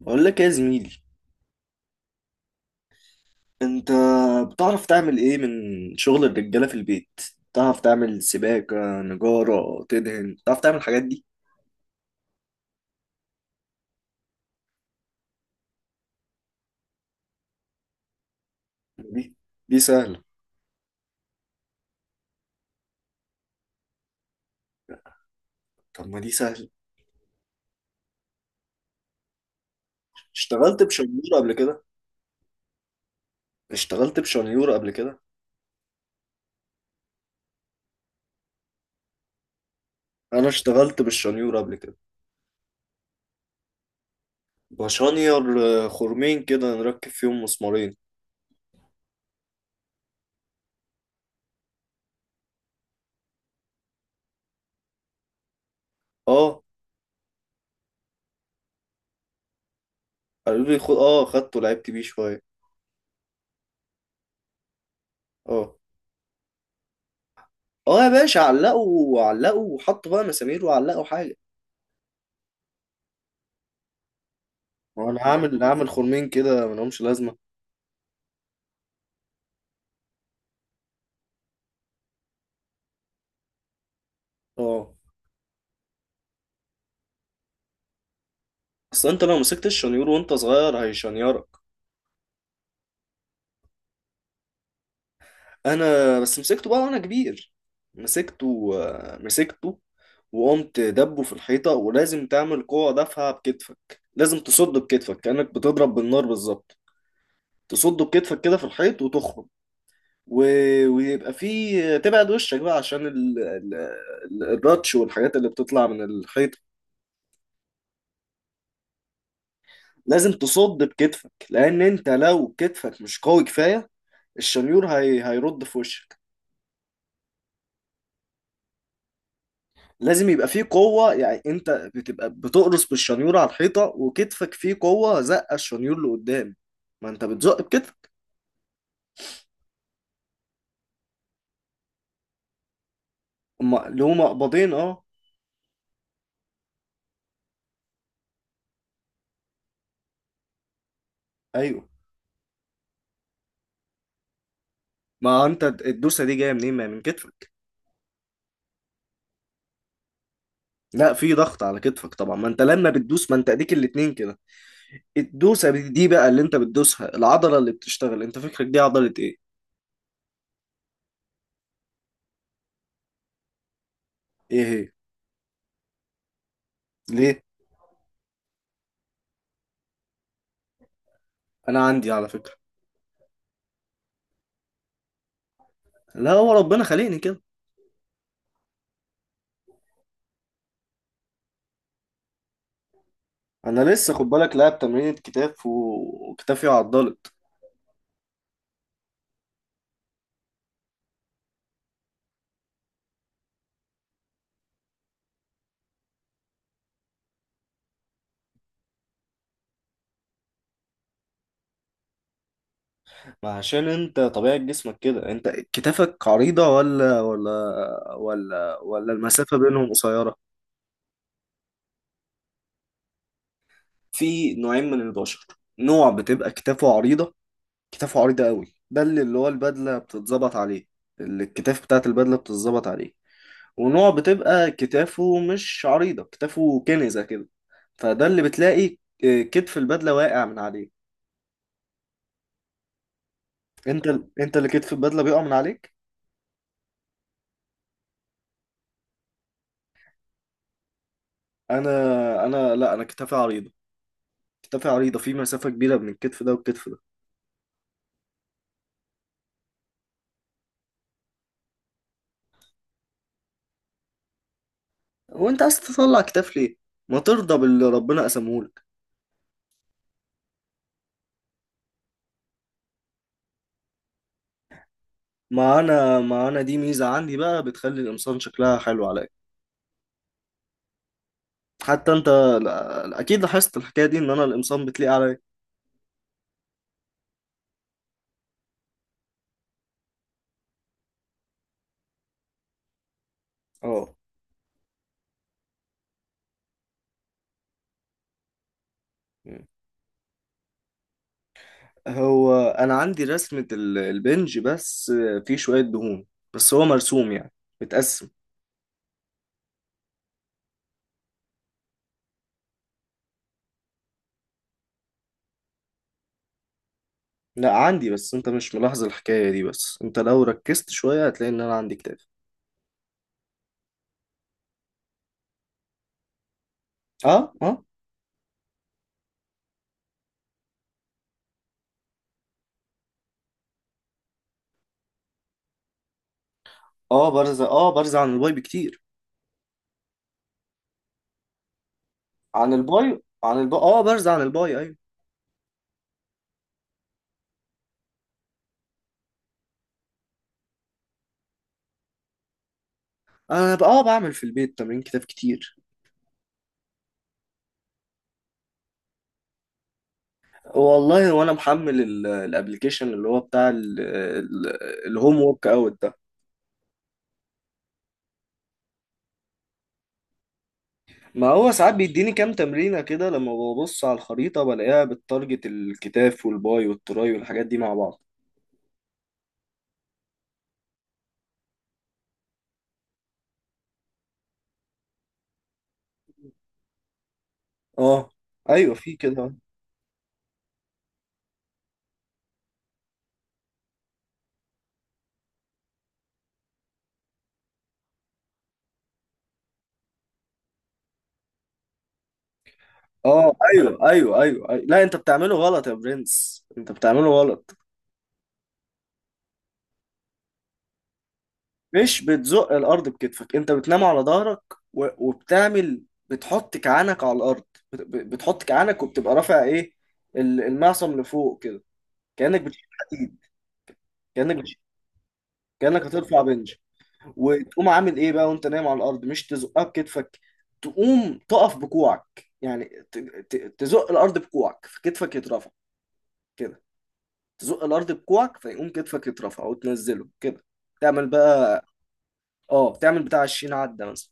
بقول لك إيه يا زميلي. انت بتعرف تعمل ايه من شغل الرجاله في البيت؟ بتعرف تعمل سباكه، نجاره، تدهن؟ بتعرف تعمل الحاجات دي؟ دي دي سهله. طب، ما دي سهله. اشتغلت بشنيور قبل كده؟ اشتغلت بشنيور قبل كده؟ انا اشتغلت بالشنيور قبل كده. بشنير. خرمين كده نركب فيهم مسمارين. اه، قالوا لي خد. اه خدته، لعبت بيه شويه. اه، اه، يا باشا، علقوا، علقوا، وحطوا بقى مسامير وعلقوا حاجه. وانا هعمل خرمين كده ملهمش لازمه. اه. اصل انت لو مسكت الشنيور وانت صغير هيشنيرك. انا بس مسكته بقى وانا كبير. مسكته. وقمت دبه في الحيطة، ولازم تعمل قوة دافعة بكتفك. لازم تصده بكتفك كأنك بتضرب بالنار بالظبط. تصده بكتفك كده في الحيط وتخرج و... ويبقى فيه، تبعد وشك بقى عشان الراتش والحاجات اللي بتطلع من الحيط. لازم تصد بكتفك، لأن انت لو كتفك مش قوي كفاية الشنيور هيرد في وشك. لازم يبقى فيه قوة، يعني انت بتبقى بتقرص بالشنيور على الحيطة، وكتفك فيه قوة زقة الشنيور لقدام. ما انت بتزق بكتفك. اما اللي هما قبضين، اه. ايوه. ما انت الدوسة دي جاية منين؟ ما هي من كتفك. لا، في ضغط على كتفك طبعا. ما انت لما بتدوس، ما انت اديك الاتنين كده. الدوسة دي بقى اللي انت بتدوسها، العضلة اللي بتشتغل انت فكرك دي عضلة ايه؟ ايه هي؟ ليه؟ انا عندي، على فكرة. لا، هو ربنا خلقني كده. انا لسه، خد بالك، لاعب تمرينة كتاف و- وكتافي عضلت. ما عشان انت طبيعة جسمك كده. انت كتافك عريضة ولا المسافة بينهم قصيرة؟ في نوعين من البشر. نوع بتبقى كتافه عريضة. كتافه عريضة قوي، ده اللي هو البدلة بتتظبط عليه. اللي الكتاف بتاعت البدلة بتتظبط عليه. ونوع بتبقى كتافه مش عريضة، كتافه كنزة كده. فده اللي بتلاقي اه، كتف البدلة واقع من عليه. انت انت اللي كتف البدلة بيقع من عليك. انا انا لا انا كتافي عريضة. كتافي عريضة، في مسافة كبيرة بين الكتف ده والكتف ده. وانت عايز تطلع كتاف ليه؟ ما ترضى باللي ربنا قسمهولك. معانا، دي ميزة عندي بقى بتخلي القمصان شكلها حلو عليا. حتى انت، اكيد لاحظت الحكاية دي ان انا القمصان بتليق عليا. اه. هو انا عندي رسمة البنج بس. في شوية دهون. بس هو مرسوم يعني. متقسم. لا، عندي، بس انت مش ملاحظ الحكاية دي. بس انت لو ركزت شوية هتلاقي ان انا عندي كتاف. اه، اه. اه، برزة. اه برزة عن الواي بكتير. عن البايو. اه برزع عن البايو. ايوه. انا بقى، بعمل في البيت تمرين كتاب كتير. والله وانا محمل الابليكيشن اللي هو بتاع الهوم ورك اوت ده. ما هو ساعات بيديني كام تمرينه كده، لما ببص على الخريطه بلاقيها بالتارجت الكتاف والباي والتراي والحاجات دي مع بعض. اه، ايوه، في كده. اه، ايوه، ايوه، ايوه، أيوة. لا، انت بتعمله غلط يا برنس. انت بتعمله غلط. مش بتزق الارض بكتفك. انت بتنام على ظهرك و- وبتعمل، بتحط كعانك على الارض. بتحط كعانك وبتبقى رافع ايه، المعصم لفوق كده. كانك بتشيل حديد، كانك بتشيل كانك هترفع بنج. وتقوم عامل ايه بقى وانت نايم على الارض؟ مش تزقها بكتفك. تقوم تقف بكوعك يعني. تزق الارض بكوعك فكتفك يترفع. كده. تزق الارض بكوعك فيقوم كتفك يترفع وتنزله كده. تعمل بقى. اه، تعمل بتاع 20 عدة مثلا.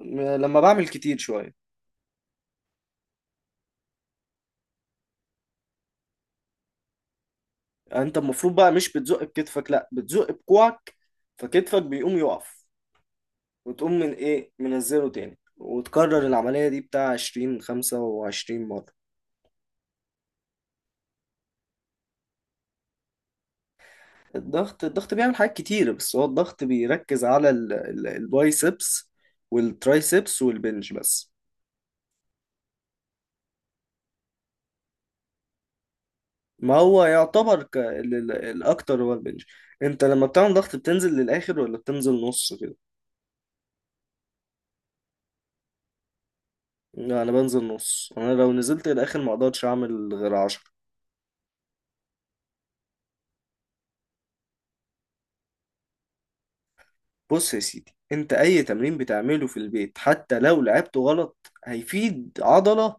لما بعمل كتير شوية. يعني انت المفروض بقى مش بتزق بكتفك، لا بتزق بكوعك. فكتفك بيقوم يقف. وتقوم من ايه منزله تاني، وتكرر العملية دي بتاع 20، 25 مرة. الضغط بيعمل حاجات كتير، بس هو الضغط بيركز على البايسبس والترايسبس والبنج بس. ما هو يعتبر الأكتر هو البنج. انت لما بتعمل ضغط بتنزل للآخر ولا بتنزل نص كده؟ لا، انا بنزل نص. انا لو نزلت للاخر ما اقدرش اعمل غير 10. بص يا سيدي، انت اي تمرين بتعمله في البيت حتى لو لعبته غلط هيفيد عضلة.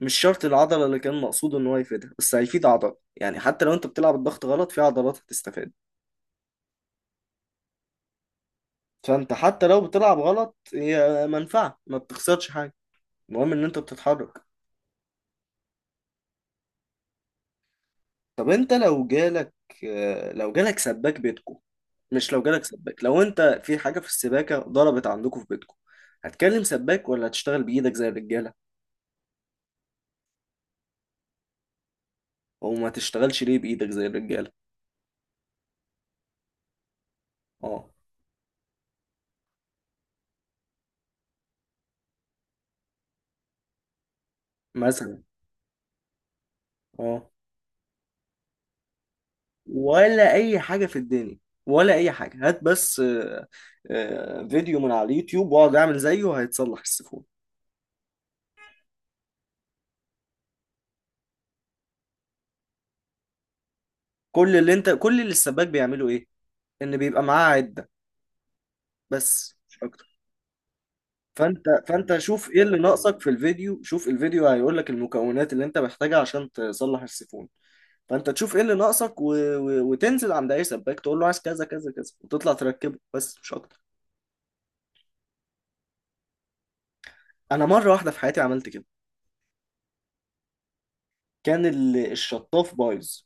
مش شرط العضلة اللي كان مقصود ان هو يفيدها، بس هيفيد عضلة يعني. حتى لو انت بتلعب الضغط غلط في عضلات هتستفاد. فانت حتى لو بتلعب غلط هي منفعة، ما بتخسرش حاجة. المهم ان انت بتتحرك. طب انت لو جالك، اه، لو جالك سباك بيتكو. مش لو جالك سباك، لو انت في حاجة في السباكة ضربت عندكم في بيتكو، هتكلم سباك ولا هتشتغل بإيدك زي الرجالة؟ او ما تشتغلش ليه بإيدك زي الرجالة؟ اه. مثلا. اه. ولا اي حاجه في الدنيا. ولا اي حاجه. هات بس فيديو من على اليوتيوب واقعد اعمل زيه، هيتصلح السيفون. كل اللي السباك بيعمله ايه؟ ان بيبقى معاه عده، بس مش اكتر. فانت شوف ايه اللي ناقصك في الفيديو. شوف الفيديو، هيقول لك المكونات اللي انت محتاجها عشان تصلح السيفون. فانت تشوف ايه اللي ناقصك وتنزل عند اي سباك تقول له عايز كذا كذا كذا، وتطلع تركبه بس مش اكتر. انا مره واحده في حياتي عملت كده. كان الشطاف بايظ.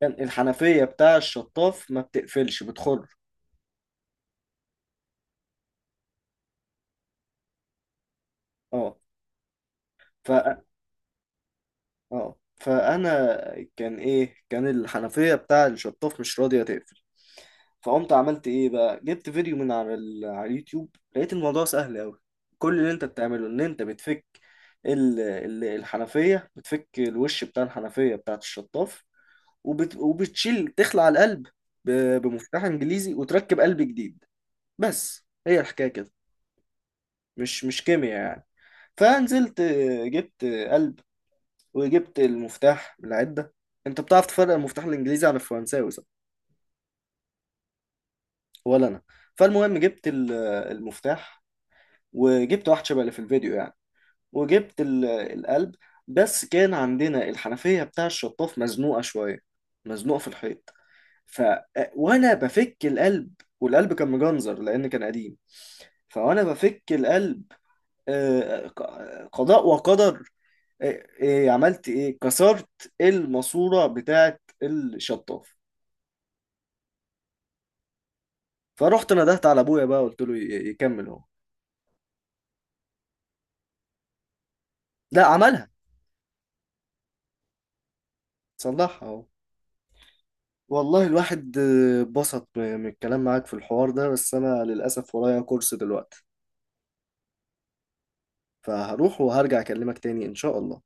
كان الحنفية بتاع الشطاف ما بتقفلش، بتخر. اه. ف اه فانا كان ايه؟ كان الحنفية بتاع الشطاف مش راضية تقفل. فقمت عملت ايه بقى؟ جبت فيديو من على اليوتيوب، لقيت الموضوع سهل قوي. كل اللي انت بتعمله ان انت بتفك الحنفية، بتفك الوش بتاع الحنفية بتاعت الشطاف. وبتشيل، تخلع القلب ب... بمفتاح انجليزي، وتركب قلب جديد. بس هي الحكاية كده. مش كيمياء يعني. فنزلت، جبت قلب. وجبت المفتاح من العدة. انت بتعرف تفرق المفتاح الانجليزي عن الفرنساوي، صح؟ ولا انا. فالمهم جبت المفتاح. وجبت واحد شبه اللي في الفيديو يعني. وجبت القلب. بس كان عندنا الحنفية بتاع الشطاف مزنوقة شوية، مزنوقة في الحيط. ف آه، وانا بفك القلب، والقلب كان مجنزر لان كان قديم. فوانا بفك القلب، قضاء وقدر. إيه، إيه عملت، ايه كسرت الماسوره بتاعه الشطاف. فرحت ندهت على ابويا بقى، قلت له يكمل اهو. لا، عملها. صلحها اهو. والله الواحد اتبسط من الكلام معاك في الحوار ده، بس انا للاسف ورايا كورس دلوقتي. فهروح وهرجع اكلمك تاني ان شاء الله.